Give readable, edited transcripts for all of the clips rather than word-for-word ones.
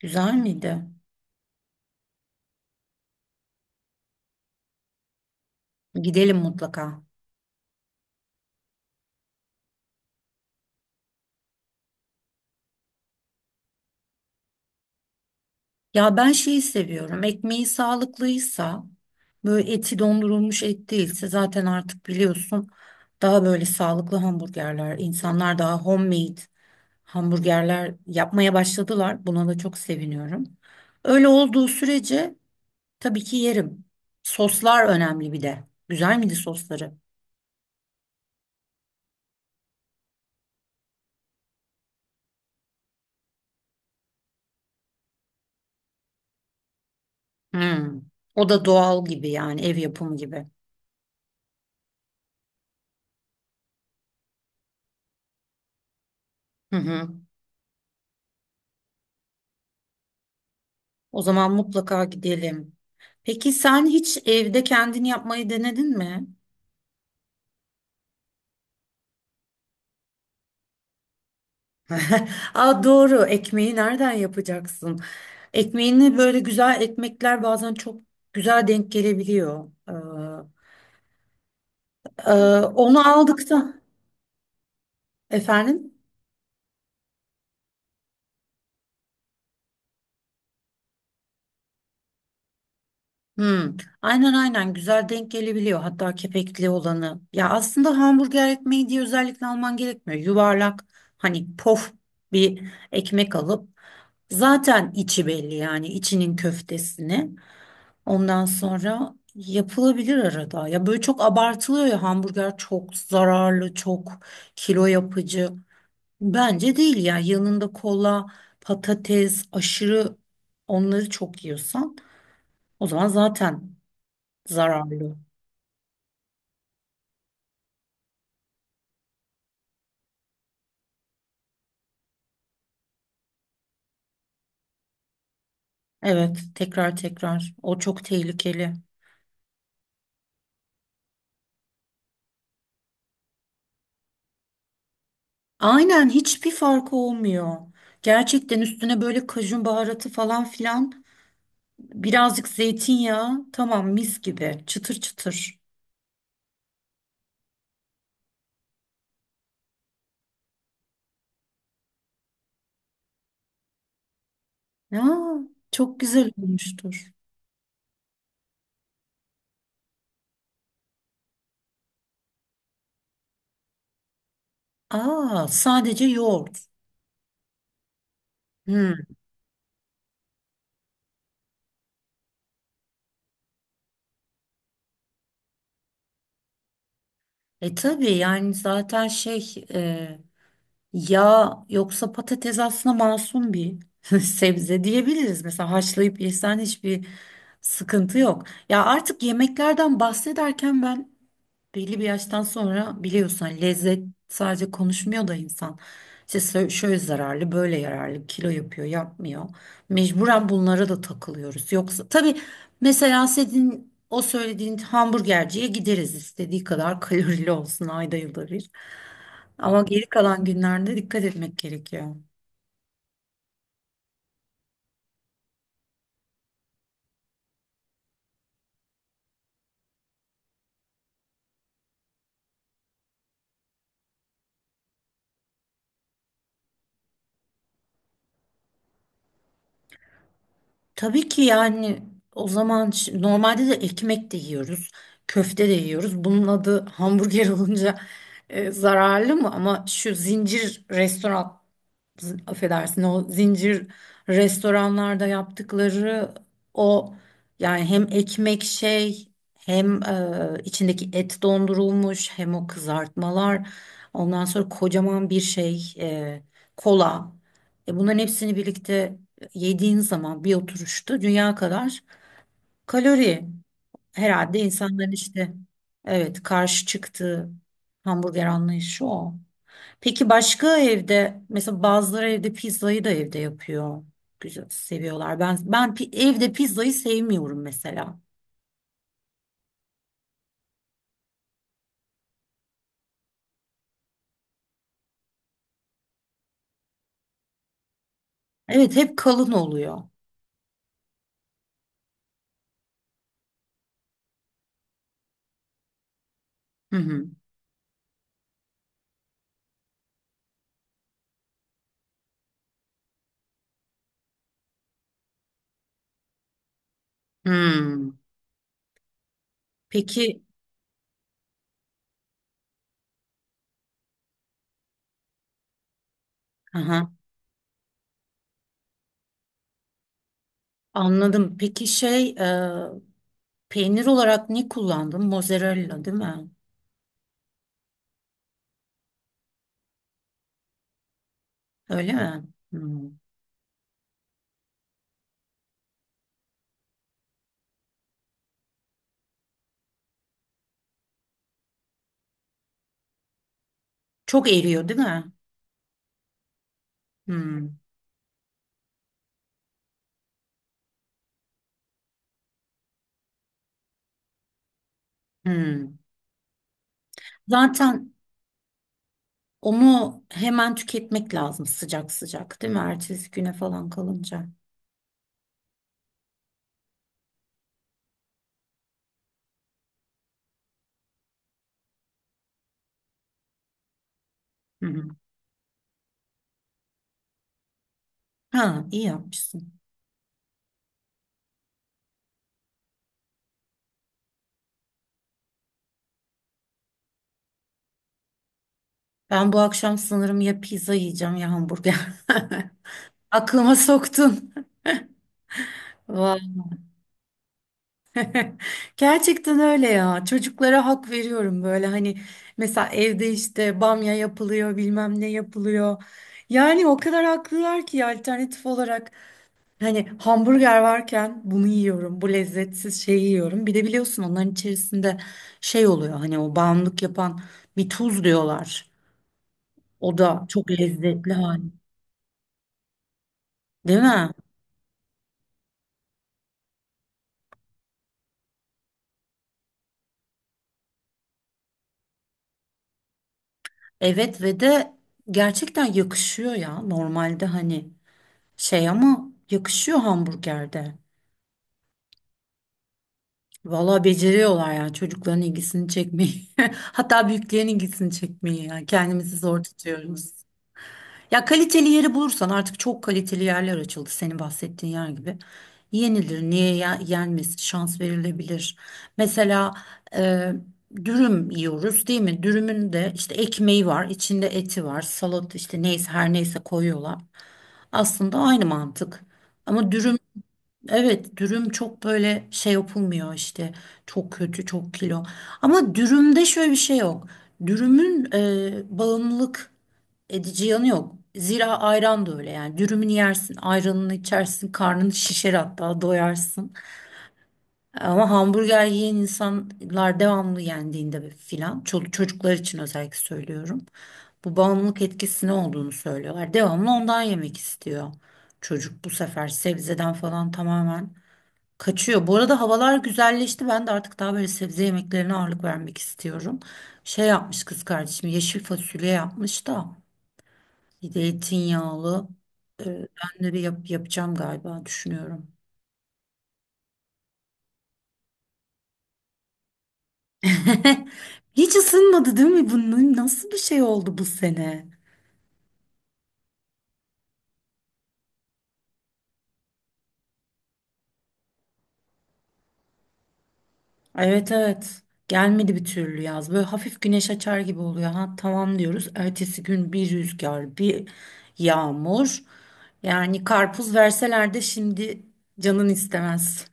Güzel miydi? Gidelim mutlaka. Ya ben şeyi seviyorum. Ekmeği sağlıklıysa, böyle eti dondurulmuş et değilse zaten artık biliyorsun daha böyle sağlıklı hamburgerler, insanlar daha homemade hamburgerler yapmaya başladılar. Buna da çok seviniyorum. Öyle olduğu sürece tabii ki yerim. Soslar önemli bir de. Güzel miydi sosları? Hmm. O da doğal gibi yani ev yapımı gibi. Hı hı. O zaman mutlaka gidelim. Peki sen hiç evde kendini yapmayı denedin mi? Aa, doğru, ekmeği nereden yapacaksın? Ekmeğini böyle güzel ekmekler bazen çok güzel denk gelebiliyor. E, onu aldıktan efendim. Hmm, aynen aynen güzel denk gelebiliyor hatta kepekli olanı. Ya aslında hamburger ekmeği diye özellikle alman gerekmiyor. Yuvarlak hani pof bir ekmek alıp. Zaten içi belli yani içinin köftesini. Ondan sonra yapılabilir arada. Ya böyle çok abartılıyor ya, hamburger çok zararlı, çok kilo yapıcı. Bence değil ya. Yanında kola, patates, aşırı onları çok yiyorsan o zaman zaten zararlı. Evet, tekrar tekrar. O çok tehlikeli. Aynen, hiçbir farkı olmuyor. Gerçekten üstüne böyle kajun baharatı falan filan. Birazcık zeytinyağı. Tamam, mis gibi. Çıtır çıtır. Ya çok güzel olmuştur. Aa, sadece yoğurt. Hmm. E tabii, yani zaten şey yağ yoksa patates aslında masum bir sebze diyebiliriz. Mesela haşlayıp yesen hiçbir sıkıntı yok. Ya artık yemeklerden bahsederken ben, belli bir yaştan sonra biliyorsun, hani lezzet sadece konuşmuyor da insan. İşte şöyle zararlı, böyle yararlı, kilo yapıyor, yapmıyor. Mecburen bunlara da takılıyoruz. Yoksa tabii mesela senin o söylediğin hamburgerciye gideriz, istediği kadar kalorili olsun, ayda yılda bir. Ama geri kalan günlerde dikkat etmek gerekiyor. Tabii ki yani, o zaman normalde de ekmek de yiyoruz, köfte de yiyoruz. Bunun adı hamburger olunca zararlı mı? Ama şu zincir restoran, affedersin, o zincir restoranlarda yaptıkları o, yani hem ekmek şey, hem içindeki et dondurulmuş, hem o kızartmalar, ondan sonra kocaman bir şey kola, bunların hepsini birlikte yediğin zaman bir oturuşta dünya kadar kalori, herhalde insanların işte, evet, karşı çıktığı hamburger anlayışı o. Peki başka, evde mesela bazıları evde pizzayı da evde yapıyor. Güzel seviyorlar. Ben evde pizzayı sevmiyorum mesela. Evet, hep kalın oluyor. Hı hı. Hmm. Peki. Aha, anladım. Peki şey, peynir olarak ne kullandın? Mozzarella değil mi? Öyle mi? Hmm. Çok eriyor değil mi? Hmm. Hmm. Zaten onu hemen tüketmek lazım, sıcak sıcak, değil mi? Ertesi güne falan kalınca. Hı hı. Ha, iyi yapmışsın. Ben bu akşam sanırım ya pizza yiyeceğim ya hamburger. Aklıma soktun. Vay. Gerçekten öyle ya. Çocuklara hak veriyorum böyle, hani mesela evde işte bamya yapılıyor, bilmem ne yapılıyor. Yani o kadar haklılar ki, alternatif olarak hani hamburger varken bunu yiyorum, bu lezzetsiz şeyi yiyorum. Bir de biliyorsun onların içerisinde şey oluyor, hani o bağımlılık yapan bir tuz diyorlar. O da çok lezzetli hali. Değil mi? Evet, ve de gerçekten yakışıyor ya. Normalde hani şey ama yakışıyor hamburgerde. Valla beceriyorlar yani çocukların ilgisini çekmeyi. Hatta büyüklerin ilgisini çekmeyi. Yani kendimizi zor tutuyoruz. Ya kaliteli yeri bulursan, artık çok kaliteli yerler açıldı, senin bahsettiğin yer gibi. Yenilir, niye yenmez, şans verilebilir. Mesela e, dürüm yiyoruz değil mi? Dürümün de işte ekmeği var, içinde eti var, salat işte neyse, her neyse, koyuyorlar. Aslında aynı mantık. Ama dürüm. Evet, dürüm çok böyle şey yapılmıyor işte, çok kötü, çok kilo, ama dürümde şöyle bir şey yok. Dürümün bağımlılık edici yanı yok, zira ayran da öyle yani. Dürümünü yersin, ayranını içersin, karnını şişer, hatta doyarsın. Ama hamburger yiyen insanlar devamlı yendiğinde filan, çocuklar için özellikle söylüyorum, bu bağımlılık etkisi ne olduğunu söylüyorlar. Devamlı ondan yemek istiyor çocuk, bu sefer sebzeden falan tamamen kaçıyor. Bu arada havalar güzelleşti. Ben de artık daha böyle sebze yemeklerine ağırlık vermek istiyorum. Şey yapmış kız kardeşim, yeşil fasulye yapmış da, bir de zeytinyağlı. Ben de bir yapacağım galiba, düşünüyorum. Hiç ısınmadı değil mi? Bunun nasıl bir şey oldu bu sene? Evet, evet. Gelmedi bir türlü yaz. Böyle hafif güneş açar gibi oluyor. Ha tamam diyoruz. Ertesi gün bir rüzgar, bir yağmur. Yani karpuz verseler de şimdi canın istemez.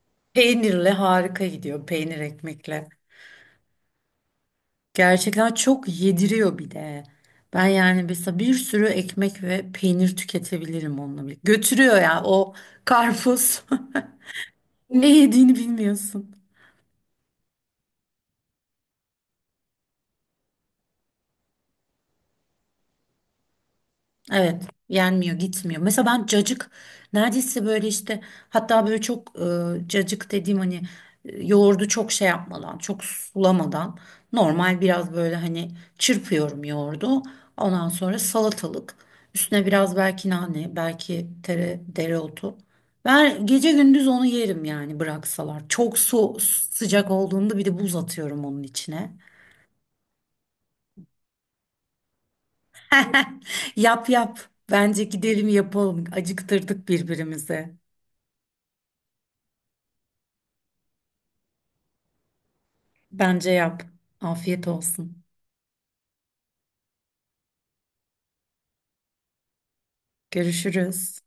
Peynirle harika gidiyor. Peynir ekmekle. Gerçekten çok yediriyor bir de. Ben yani mesela bir sürü ekmek ve peynir tüketebilirim onunla birlikte. Götürüyor ya o karpuz. Ne yediğini bilmiyorsun. Evet, yenmiyor, gitmiyor. Mesela ben cacık neredeyse böyle işte, hatta böyle çok cacık dediğim hani, yoğurdu çok şey yapmadan, çok sulamadan, normal biraz böyle hani çırpıyorum yoğurdu. Ondan sonra salatalık, üstüne biraz belki nane, belki tere, dereotu. Ben gece gündüz onu yerim yani, bıraksalar. Çok su, sıcak olduğunda bir de buz atıyorum onun içine. Yap yap. Bence gidelim yapalım. Acıktırdık birbirimizi. Bence yap. Afiyet olsun. Görüşürüz.